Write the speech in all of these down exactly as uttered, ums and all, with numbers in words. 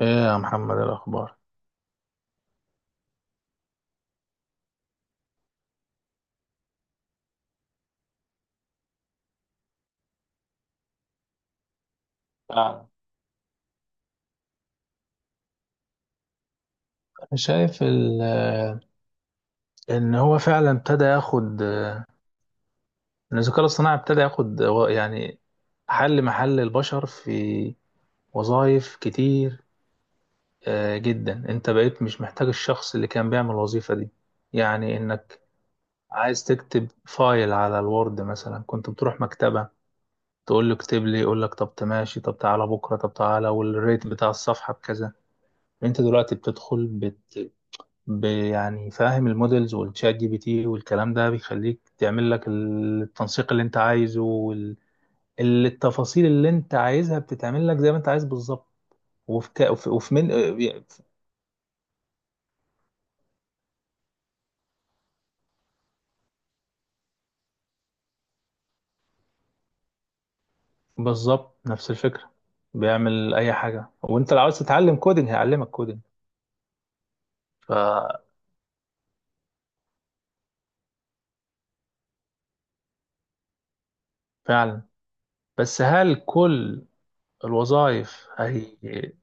ايه يا محمد، إيه الاخبار؟ فعلا. انا شايف ال- آه، ان هو فعلا ابتدى ياخد، آه، ان الذكاء الاصطناعي ابتدى ياخد و- يعني حل محل البشر في وظائف كتير آه، جدا. انت بقيت مش محتاج الشخص اللي كان بيعمل الوظيفة دي، يعني انك عايز تكتب فايل على الوورد مثلا. كنت بتروح مكتبة تقول له اكتب لي، يقول لك طب تماشي، طب تعالى بكرة، طب تعالى والريت بتاع الصفحة بكذا. انت دلوقتي بتدخل ب- يعني فاهم، المودلز والشات جي بي تي والكلام ده بيخليك تعمل لك التنسيق اللي انت عايزه وال... ال- التفاصيل اللي انت عايزها بتتعمل لك زي ما انت عايز بالظبط. وفي ك... وفي وفي من... بالظبط، نفس الفكرة. بيعمل اي حاجة، وانت لو عاوز تتعلم كودينج هيعلمك كودينج. ففعلا. بس هل كل الوظائف هي،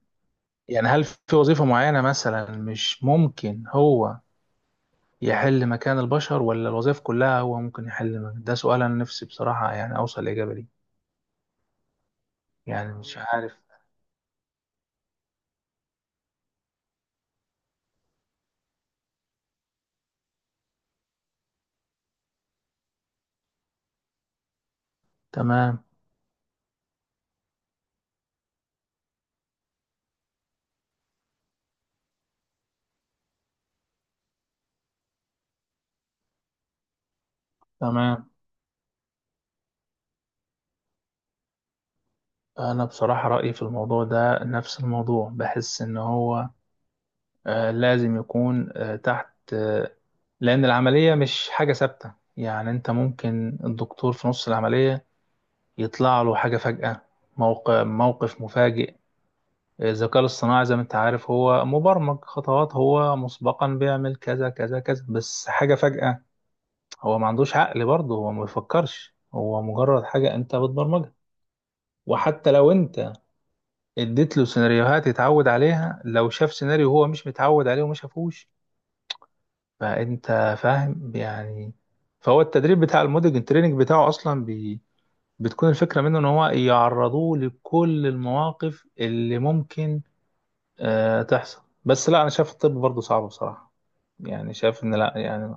يعني هل في وظيفة معينة مثلا مش ممكن هو يحل مكان البشر، ولا الوظائف كلها هو ممكن يحل مكان؟ ده سؤال أنا نفسي بصراحة يعني أوصل لإجابة ليه. يعني مش عارف. تمام. تمام. أنا بصراحة رأيي في الموضوع ده نفس الموضوع، بحس إن هو آه لازم يكون آه تحت، آه لأن العملية مش حاجة ثابتة، يعني أنت ممكن الدكتور في نص العملية يطلع له حاجة فجأة، موقف موقف مفاجئ. الذكاء الاصطناعي زي ما انت عارف، هو مبرمج خطوات، هو مسبقا بيعمل كذا كذا كذا، بس حاجة فجأة هو ما عندوش عقل برضه، هو ما بيفكرش، هو مجرد حاجة انت بتبرمجها. وحتى لو انت اديت له سيناريوهات يتعود عليها، لو شاف سيناريو هو مش متعود عليه وما شافوش، فانت فاهم يعني. فهو التدريب بتاع الموديل، التريننج بتاعه اصلا بي بتكون الفكرة منه ان هو يعرضوه لكل المواقف اللي ممكن أه تحصل. بس لا، انا شايف الطب برضه صعب بصراحة. يعني شايف ان لا يعني.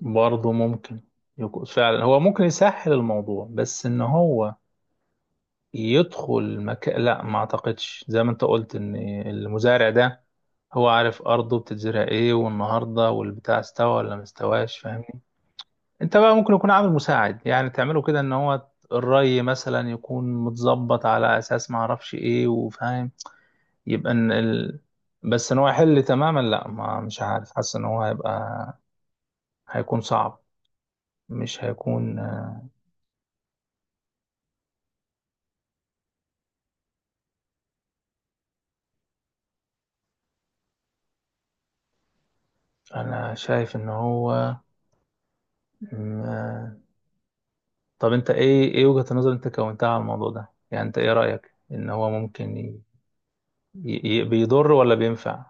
برضه ممكن يكون فعلا هو ممكن يسهل الموضوع، بس ان هو يدخل مكان لا، ما اعتقدش. زي ما انت قلت ان المزارع ده هو عارف ارضه بتتزرع ايه، والنهارده والبتاع استوى ولا ما استواش. فاهمني؟ انت بقى ممكن يكون عامل مساعد، يعني تعمله كده ان هو الري مثلا يكون متظبط على اساس ما اعرفش ايه، وفاهم يبقى ان ال... بس ان هو يحل تماما لا، ما مش عارف، حاسس ان هو هيبقى هيكون صعب. مش هيكون. انا شايف ان هو م- طب انت ايه، ايه وجهة النظر انت كونتها على الموضوع ده؟ يعني انت ايه رأيك ان هو ممكن ي... ي... بيضر ولا بينفع؟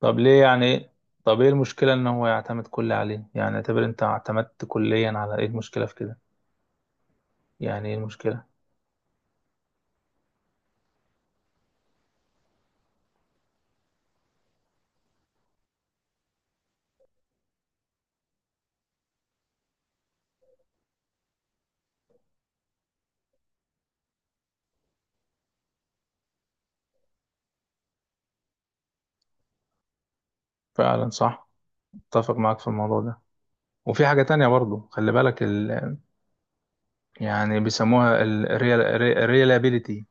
طب ليه يعني؟ طب ايه المشكلة ان هو يعتمد كل عليه؟ يعني اعتبر انت اعتمدت كليا على، ايه المشكلة في كده؟ يعني ايه المشكلة؟ فعلا صح، اتفق معاك في الموضوع ده. وفي حاجة تانية برضو، خلي بالك، يعني بيسموها الريلابيليتي،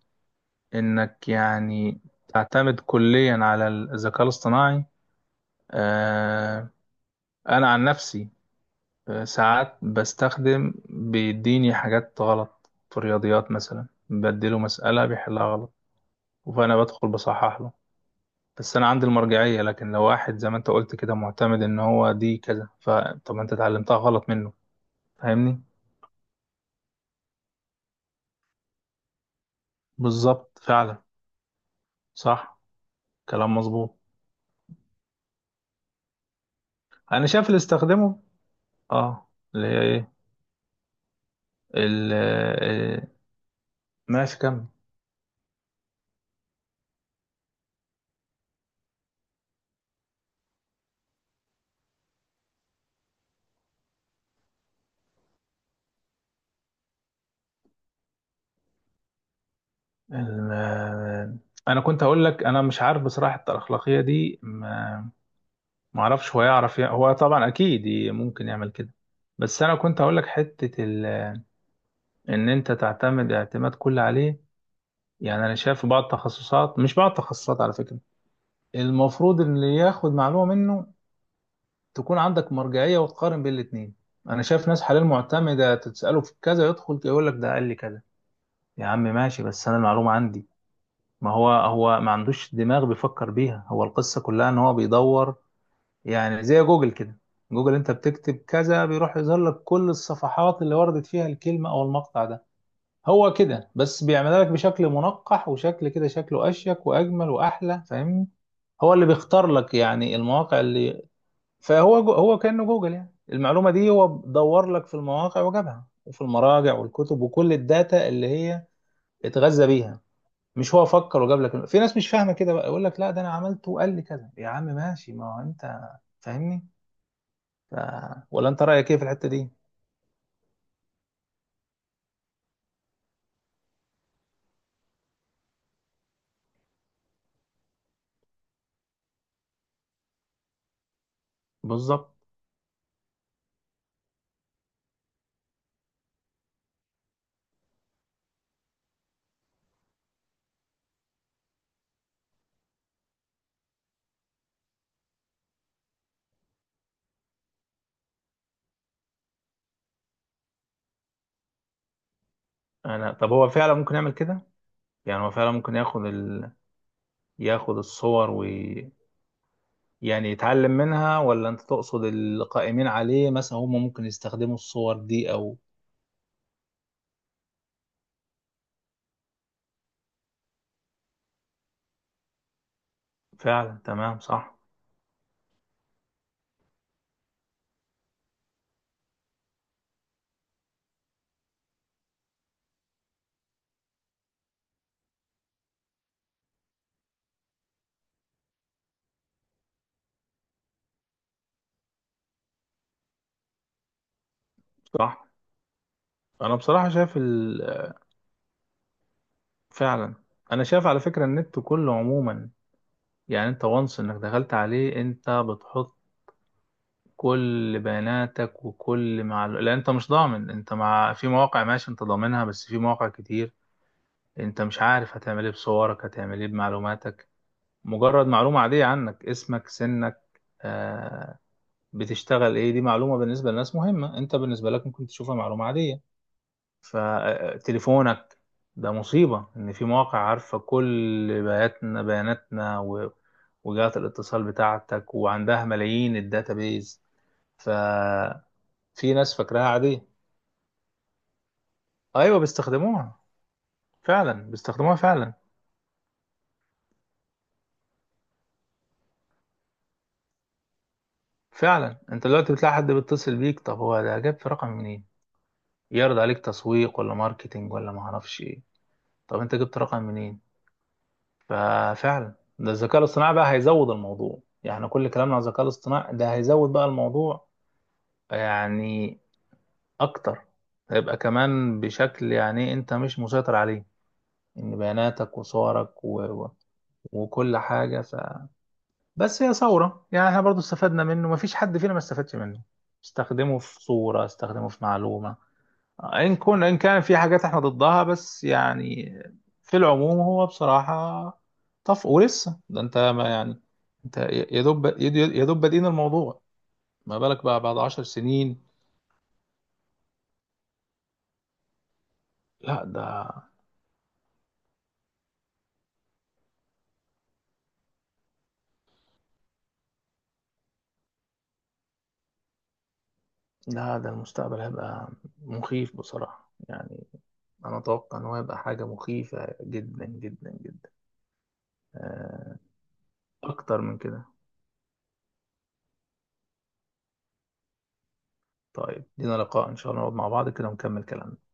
انك يعني تعتمد كليا على الذكاء الاصطناعي. آه، انا عن نفسي، آه، ساعات بستخدم، بيديني حاجات غلط. في الرياضيات مثلا بديله مسألة بيحلها غلط، فانا بدخل بصحح له. بس انا عندي المرجعية، لكن لو واحد زي ما انت قلت كده معتمد ان هو دي كذا، فطب انت اتعلمتها غلط منه. فاهمني؟ بالظبط، فعلا صح، كلام مظبوط. انا شايف اللي استخدمه. اه، اللي هي ايه؟ ال آه، ماشي كمل. ال- آه، انا كنت هقول لك انا مش عارف بصراحه، الاخلاقيه دي ما ما اعرفش. هو يعرف يع- هو طبعا اكيد ي- ممكن يعمل كده. بس انا كنت هقول لك حته ال... ان انت تعتمد اعتماد كلي عليه. يعني انا شايف في بعض التخصصات، مش بعض التخصصات على فكره، المفروض اللي ياخد معلومه منه تكون عندك مرجعيه وتقارن بين الاثنين. انا شايف ناس حاليا معتمده، تساله في كذا يدخل يقول لك ده قال لي كذا. يا عم ماشي، بس انا المعلومه عندي. ما هو هو ما عندوش دماغ بيفكر بيها، هو القصة كلها ان هو بيدور. يعني زي جوجل كده. جوجل انت بتكتب كذا، بيروح يظهر لك كل الصفحات اللي وردت فيها الكلمة او المقطع ده. هو كده بس، بيعملها لك بشكل منقح وشكل كده، شكله اشيك واجمل واحلى. فاهمني؟ هو اللي بيختار لك يعني المواقع اللي، فهو جو... هو كأنه جوجل. يعني المعلومة دي هو دور لك في المواقع وجابها، وفي المراجع والكتب وكل الداتا اللي هي اتغذى بيها. مش هو فكر وجاب لك الم- في ناس مش فاهمه كده بقى، يقول لك لا ده انا عملته وقال لي كذا. يا عم ماشي، ما هو انت فاهمني. ف... ولا انت رايك ايه في الحته دي؟ بالظبط. انا طب هو فعلا ممكن يعمل كده. يعني هو فعلا ممكن ياخد ال... ياخد الصور، ويعني يتعلم منها. ولا انت تقصد القائمين عليه مثلا هم ممكن يستخدموا الصور دي او فعلا؟ تمام صح. صح. انا بصراحه شايف ال... فعلا. انا شايف على فكره النت كله عموما، يعني انت وانس انك دخلت عليه، انت بتحط كل بياناتك وكل معلومة، لان انت مش ضامن. انت مع في مواقع ماشي انت ضامنها، بس في مواقع كتير انت مش عارف هتعمل ايه بصورك، هتعمل ايه بمعلوماتك. مجرد معلومة عادية عنك، اسمك، سنك، آه بتشتغل ايه، دي معلومة بالنسبة للناس مهمة، انت بالنسبة لك ممكن تشوفها معلومة عادية. فتليفونك ده مصيبة، ان في مواقع عارفة كل بياناتنا، بياناتنا و- وجهات الاتصال بتاعتك، وعندها ملايين الداتابيز. في ناس فاكراها عادية. ايوه بيستخدموها، فعلا بيستخدموها فعلا. فعلا انت دلوقتي بتلاقي حد بيتصل بيك، طب هو ده جاب في رقم منين؟ يعرض عليك تسويق ولا ماركتينج ولا ما اعرفش ايه. طب انت جبت رقم منين؟ ففعلا، ده الذكاء الاصطناعي بقى هيزود الموضوع. يعني إحنا كل كلامنا عن الذكاء الاصطناعي، ده هيزود بقى الموضوع يعني اكتر. هيبقى كمان بشكل يعني انت مش مسيطر عليه، ان بياناتك وصورك و... و- وكل حاجة. بس هي ثورة، يعني احنا برضو استفدنا منه، مفيش حد فينا ما استفادش منه، استخدمه في صورة، استخدمه في معلومة. إن كن إن كان في حاجات احنا ضدها، بس يعني في العموم هو بصراحة طف. ولسه ده انت ما يعني، انت يا دوب يد- يا دوب بادئين الموضوع، ما بالك بقى بعد عشر سنين؟ لا ده لا ده المستقبل هيبقى مخيف بصراحة يعني. أنا أتوقع إن هو هيبقى حاجة مخيفة جدا جدا جدا. آه، أكتر من كده. طيب لينا لقاء إن شاء الله، نقعد مع بعض كده ونكمل كلامنا.